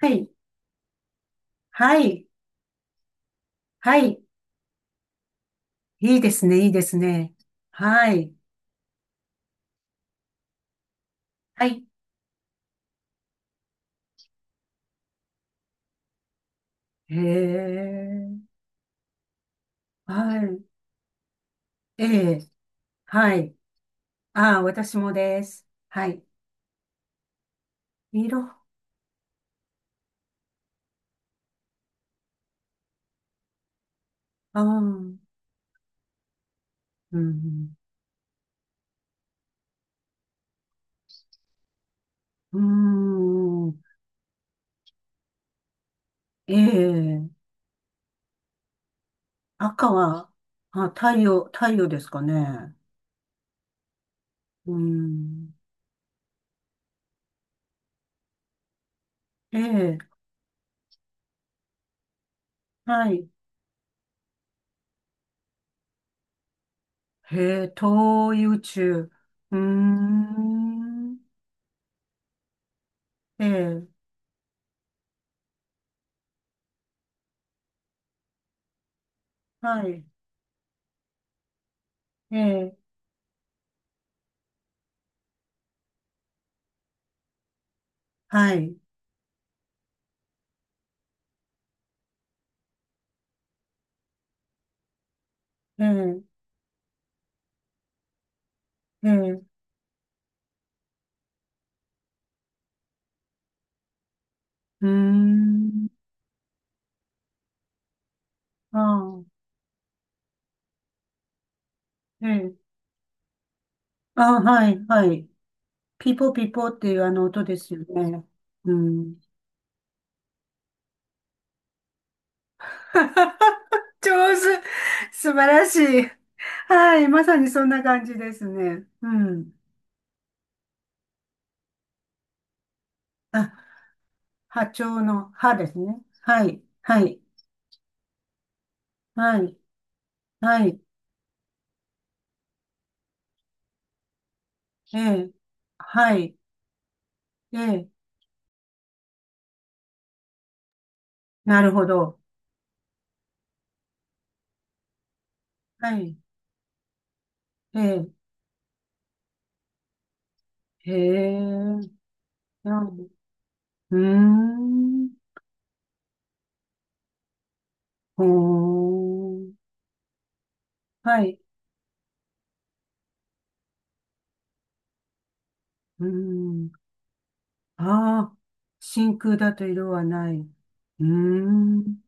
はい。はい。はい。いいですね。いいですね。はい。はい。へえ。はい。ええ。はい。ああ、私もです。はい。色。ああ。うん。うーん。ええ。赤は、あ、太陽ですかね。うん。ええ。はい。へえ、東遊宇宙。うーん。ええ。はい。ええ。はい。ええ。ええ、うーん、ああ、ええ、ああ、はい、はい。ピーポーピーポーっていうあの音ですよね。うん。上手。素晴らしい。はい、まさにそんな感じですね。うん。あ、波長の波ですね。はい、はい、はい、はい、ええ、はい、ええ、なるほど。はい、ええ、へえ、うん、うーん、ほー、はい。うん。ああ、真空だと色はない。うーん。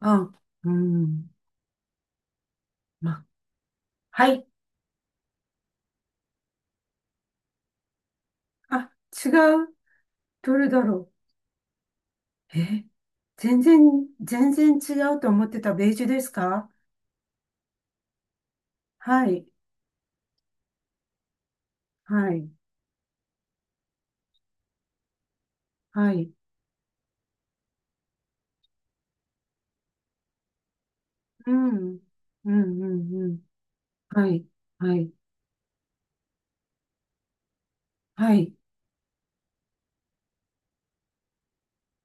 あ、うん。ま、はい。あ、違う。どれだろう。え、全然、全然違うと思ってたベージュですか？はい。はい。はい。うん。うん、うん、うん。はい。はい。はい。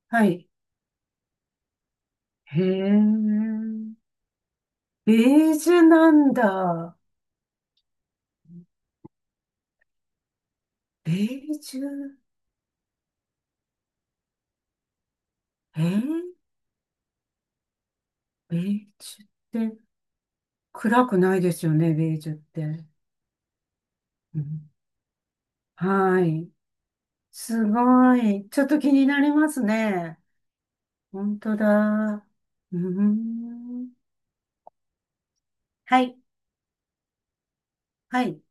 はい。へえ。ベージュなんだ。ベージュ。えーベージュって。暗くないですよね、ベージュって。うん、はい。すごい。ちょっと気になりますね。本当だ。うーん。はい。はい。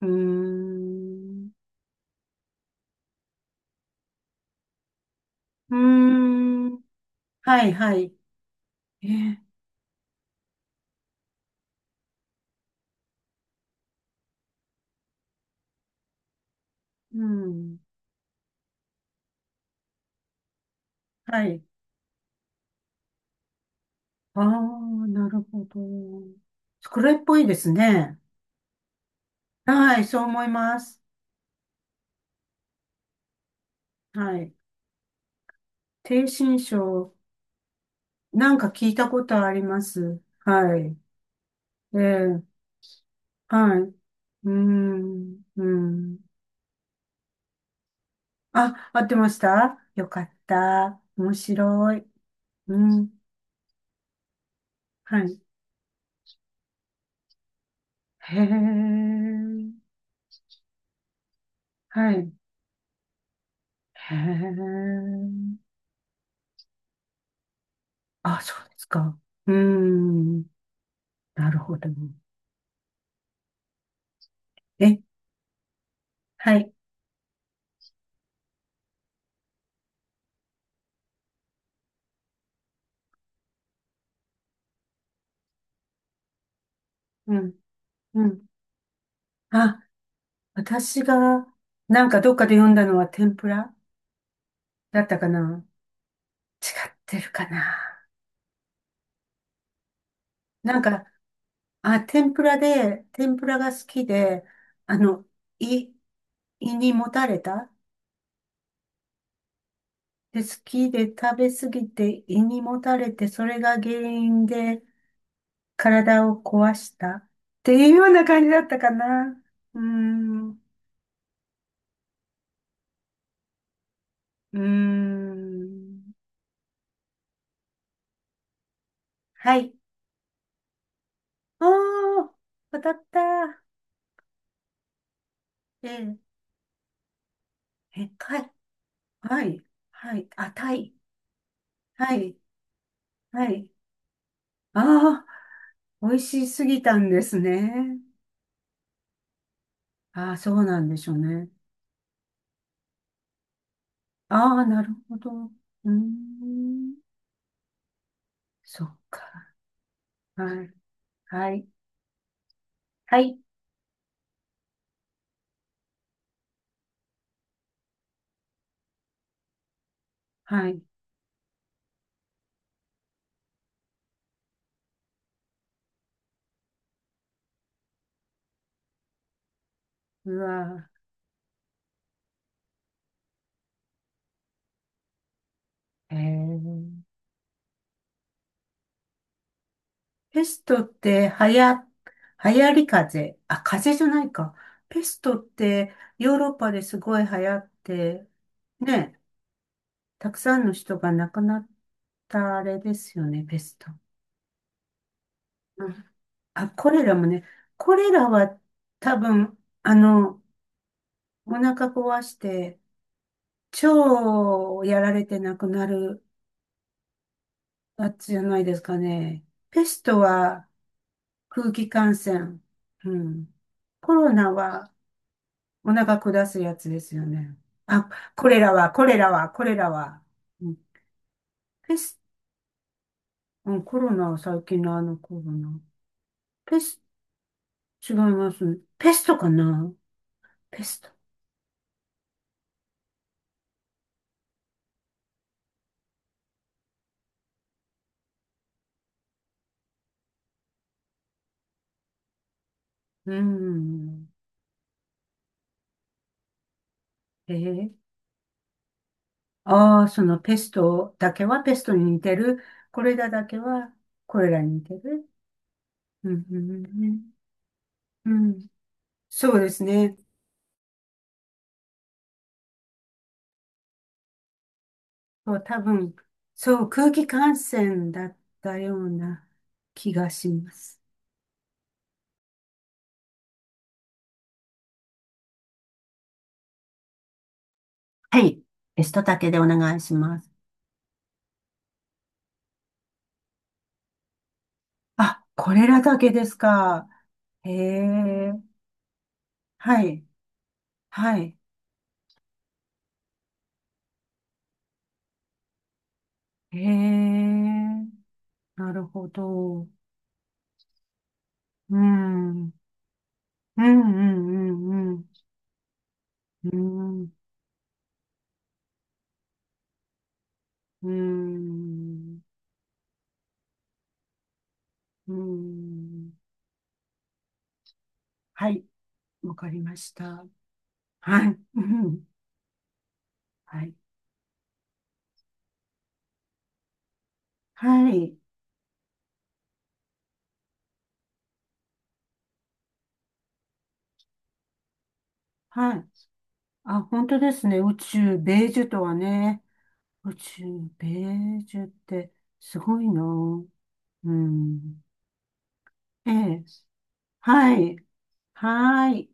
うーん。うーん。はい、はい。え、うん。はい。ああ、なるほど。これっぽいですね。はい、そう思います。はい。低心症。なんか聞いたことあります。はい。ええはい。うーん、うん。あ、合ってましたよかった。面白い。うん。はい。へえ。はい。へえ。あ、そうですか。うーん。なるほど。え、はい。うん、うん。あ、私が、なんかどっかで読んだのは天ぷらだったかな、違ってるかな。なんか、あ、天ぷらが好きで、あの、胃、胃にもたれた。で、好きで食べ過ぎて胃にもたれて、それが原因で体を壊したっていうような感じだったかな。うーん、うーん。はい。ああ、当たった。ええ、え、かい。はい。はい。あ、たい。はい。はい。ああ、美味しすぎたんですね。ああ、そうなんでしょうね。ああ、なるほど。うーん。そっか。はい。はい。はい。はい。うわー。ペストって、流行り風あ、風邪じゃないか。ペストって、ヨーロッパですごい流行って、ね、たくさんの人が亡くなったあれですよね、ペスト。うんあ、コレラもね、コレラは多分、あの、お腹壊して、腸をやられて亡くなるやつじゃないですかね。ペストは空気感染。うん。コロナはお腹下すやつですよね。あ、これらは、これらは、これらは。うん、ペス、うん、コロナは最近のあのコロナ。ペス、違いますね。ペストかなペスト。うん。えー、ああ、そのペストだけはペストに似てる。これらだけはこれらに似てる。うんうんうんうん、そうですね。そう、多分、そう、空気感染だったような気がします。はい。ベストだけでお願いします。あ、これらだけですか。へえ。はい。はい。へえ。なるほど。うん。うんうんうんうん。うん。うん。はい。わかりました。はい。うんはい。はい。はい。あ、本当ですね。宇宙、ベージュとはね。宇宙、ベージュってすごいな。うん。ええ。はい。はい。